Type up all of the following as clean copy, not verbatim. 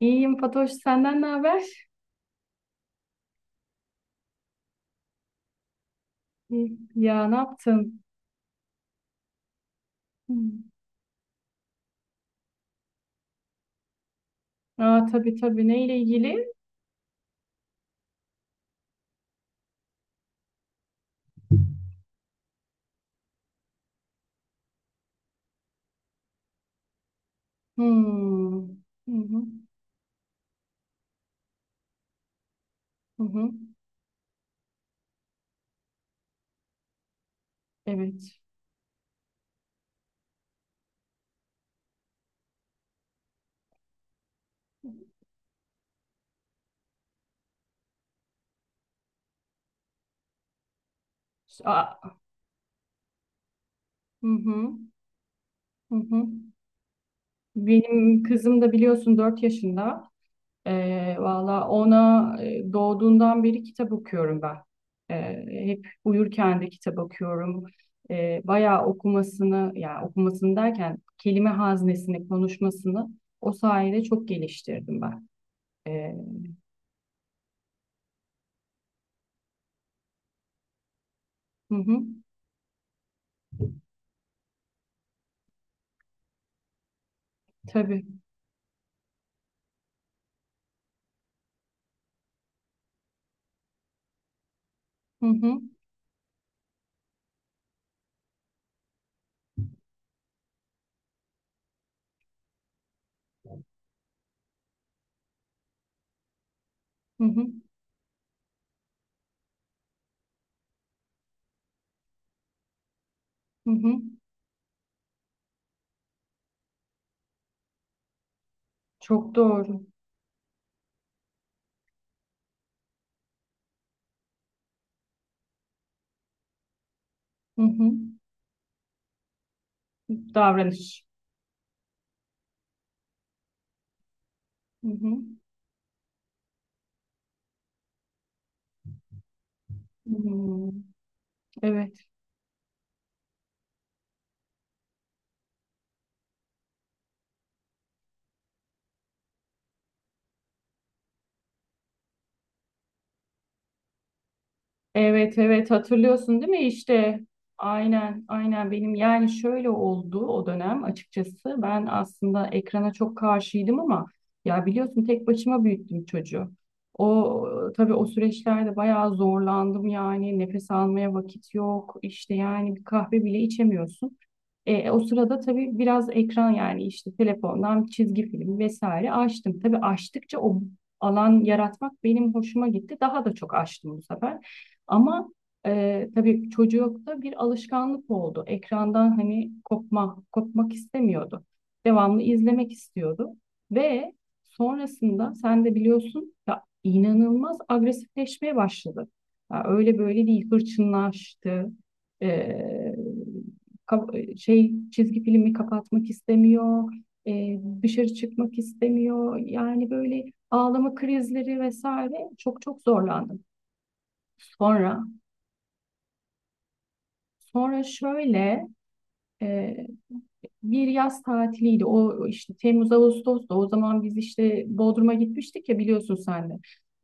İyiyim Fatoş, senden ne haber? İyi. Ya ne yaptın? Hmm. Aa, tabii tabii neyle ilgili? Hmm. Hı hı. Hı hı. Evet. Aa, hı hı. Hı hı. Benim kızım da biliyorsun 4 yaşında. Valla ona doğduğundan beri kitap okuyorum ben. Hep uyurken de kitap okuyorum. Bayağı okumasını, yani okumasını derken kelime haznesini, konuşmasını o sayede çok geliştirdim ben. Ee, hı hı, tabii. Hı hı, hı hı, hı hı. Çok doğru. Hı hı. Davranış. Hı hı. Hmm, evet. Evet, evet. Hatırlıyorsun değil mi işte? Aynen, aynen. Benim yani şöyle oldu o dönem açıkçası. Ben aslında ekrana çok karşıydım ama ya biliyorsun tek başıma büyüttüm çocuğu. O tabii o süreçlerde bayağı zorlandım, yani nefes almaya vakit yok işte, yani bir kahve bile içemiyorsun. O sırada tabii biraz ekran, yani işte telefondan çizgi film vesaire açtım. Tabii açtıkça o alan yaratmak benim hoşuma gitti. Daha da çok açtım bu sefer. Ama tabii çocukta bir alışkanlık oldu. Ekrandan hani kopma, kopmak istemiyordu. Devamlı izlemek istiyordu. Ve sonrasında sen de biliyorsun ya, inanılmaz agresifleşmeye başladı. Ya öyle böyle değil, hırçınlaştı. E, ka- Şey, çizgi filmi kapatmak istemiyor, dışarı çıkmak istemiyor. Yani böyle ağlama krizleri vesaire, çok çok zorlandım. Sonra sonra şöyle, e, bir yaz tatiliydi. O işte Temmuz Ağustos'ta, o zaman biz işte Bodrum'a gitmiştik ya, biliyorsun sen de.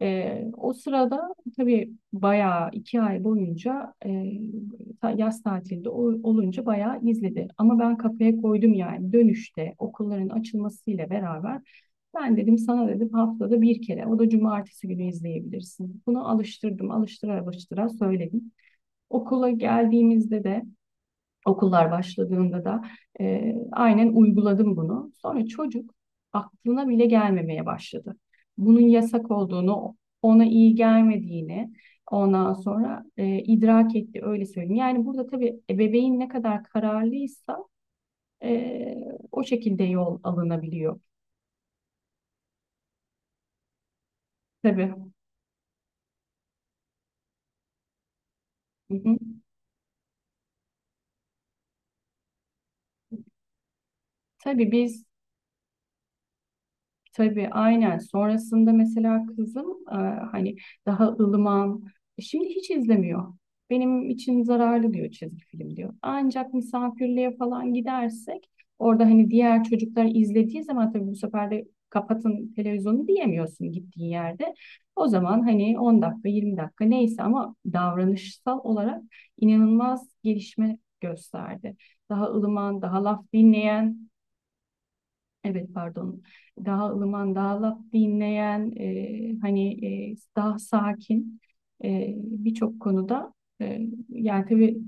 O sırada tabii bayağı 2 ay boyunca yaz tatilde olunca bayağı izledi. Ama ben kafaya koydum, yani dönüşte okulların açılmasıyla beraber ben dedim, sana dedim haftada bir kere, o da cumartesi günü izleyebilirsin. Bunu alıştırdım, alıştıra alıştıra söyledim. Okula geldiğimizde de, okullar başladığında da aynen uyguladım bunu. Sonra çocuk aklına bile gelmemeye başladı. Bunun yasak olduğunu, ona iyi gelmediğini ondan sonra idrak etti, öyle söyleyeyim. Yani burada tabii ebeveyn ne kadar kararlıysa e, o şekilde yol alınabiliyor. Tabii. Hı hı. Tabii biz Tabii aynen. Sonrasında mesela kızım e, hani daha ılıman. Şimdi hiç izlemiyor. Benim için zararlı diyor, çizgi film diyor. Ancak misafirliğe falan gidersek, orada hani diğer çocuklar izlediği zaman tabii, bu sefer de kapatın televizyonu diyemiyorsun gittiğin yerde. O zaman hani 10 dakika 20 dakika neyse, ama davranışsal olarak inanılmaz gelişme gösterdi. Daha ılıman, daha laf dinleyen. Evet, pardon. Daha ılıman, daha laf dinleyen, hani daha sakin birçok konuda. E, Yani tabii,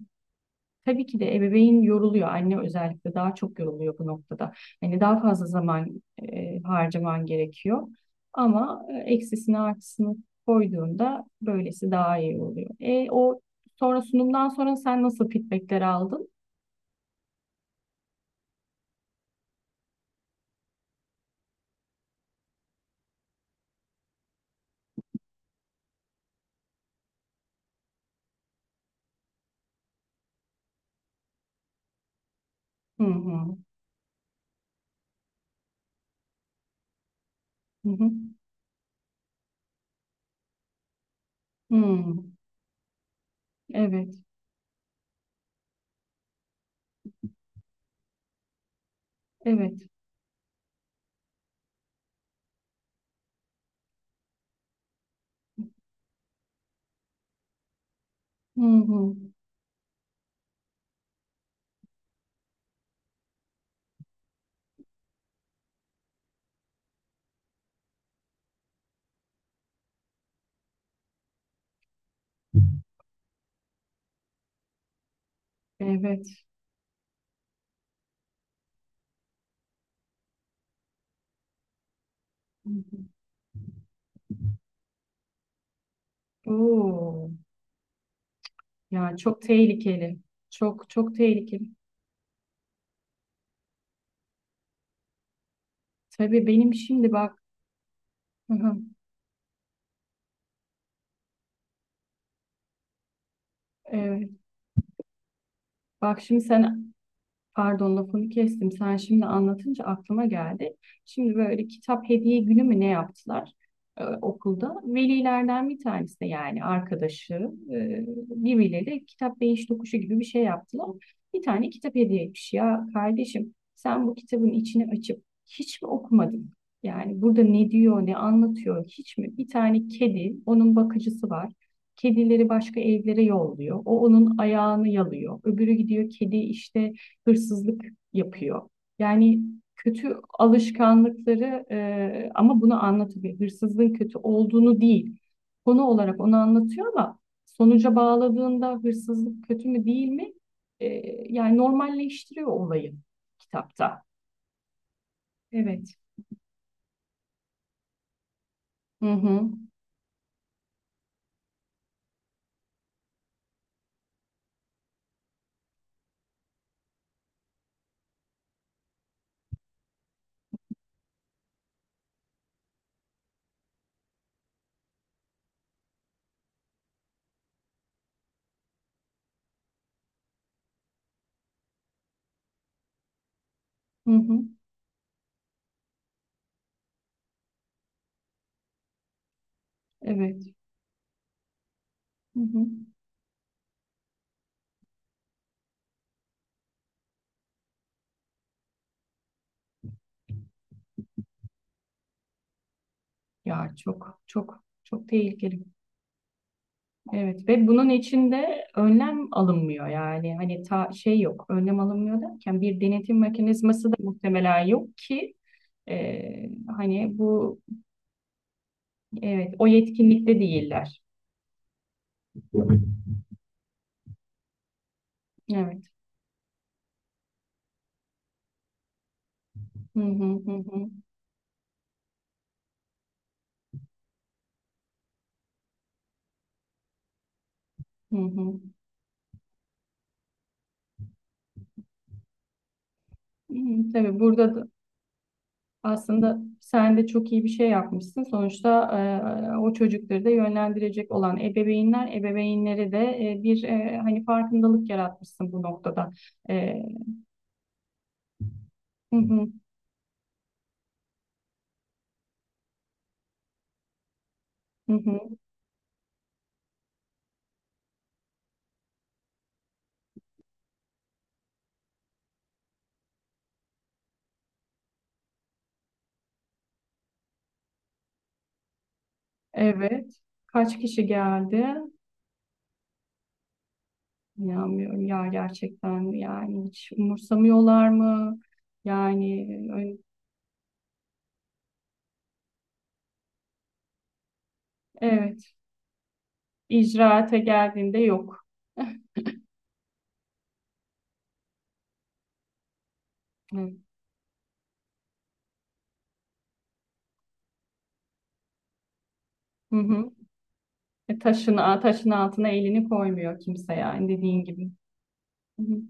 tabii ki de ebeveyn yoruluyor. Anne özellikle daha çok yoruluyor bu noktada. Hani daha fazla zaman harcaman gerekiyor. Ama eksisini artısını koyduğunda böylesi daha iyi oluyor. E, o Sonra, sunumdan sonra sen nasıl feedbackler aldın? Hı hı. Hı hı. Hı. Evet. Evet. Hı hı. Evet. Hı hı. Oo, ya çok tehlikeli. Çok çok tehlikeli. Tabii benim şimdi bak. Hı hı. Evet. Bak şimdi sen Pardon, lafını kestim. Sen şimdi anlatınca aklıma geldi. Şimdi böyle kitap hediye günü mü ne yaptılar okulda? Velilerden bir tanesi de, yani arkadaşı e, birbirleri kitap beyiş tokuşu gibi bir şey yaptılar. Bir tane kitap hediye etmiş. Ya kardeşim, sen bu kitabın içini açıp hiç mi okumadın? Yani burada ne diyor, ne anlatıyor hiç mi? Bir tane kedi, onun bakıcısı var. Kedileri başka evlere yolluyor. O onun ayağını yalıyor. Öbürü gidiyor, kedi işte hırsızlık yapıyor. Yani kötü alışkanlıkları, ama bunu anlatıyor. Hırsızlığın kötü olduğunu değil, konu olarak onu anlatıyor, ama sonuca bağladığında hırsızlık kötü mü değil mi? E, Yani normalleştiriyor olayı kitapta. Evet. Hı hı. Hı hı. Evet. Hı hı. Ya, çok çok çok tehlikeli. Evet, ve bunun içinde önlem alınmıyor, yani hani ta şey yok, önlem alınmıyor derken bir denetim mekanizması da muhtemelen yok ki e, hani bu, evet, o yetkinlikte değiller. Evet. Hı hı, hı hı, hı hı. Hı, tabii burada da aslında sen de çok iyi bir şey yapmışsın. Sonuçta o çocukları da yönlendirecek olan ebeveynler, ebeveynleri de bir, hani farkındalık yaratmışsın bu noktada. E, hı hı, hı hı. Evet. Kaç kişi geldi? İnanmıyorum ya, gerçekten yani hiç umursamıyorlar mı? Yani, evet, icraate geldiğinde yok. Evet. Hı hı. Taşın altına elini koymuyor kimse, yani dediğin gibi. Hı hı.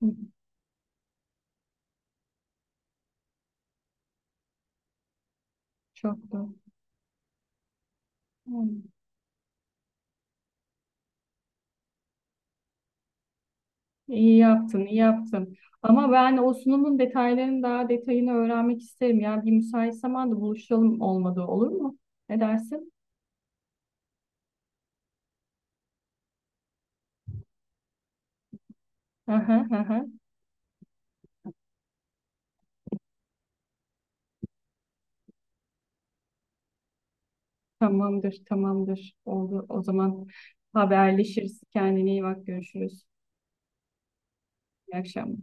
Hı hı. Çok da. Hı. İyi yaptın, iyi yaptın. Ama ben o sunumun detaylarını, daha detayını öğrenmek isterim. Yani bir müsait zamanda buluşalım, olmadı olur mu? Ne dersin? Hı hı, hı hı. Tamamdır, tamamdır. Oldu. O zaman haberleşiriz. Kendine iyi bak. Görüşürüz. İyi akşamlar.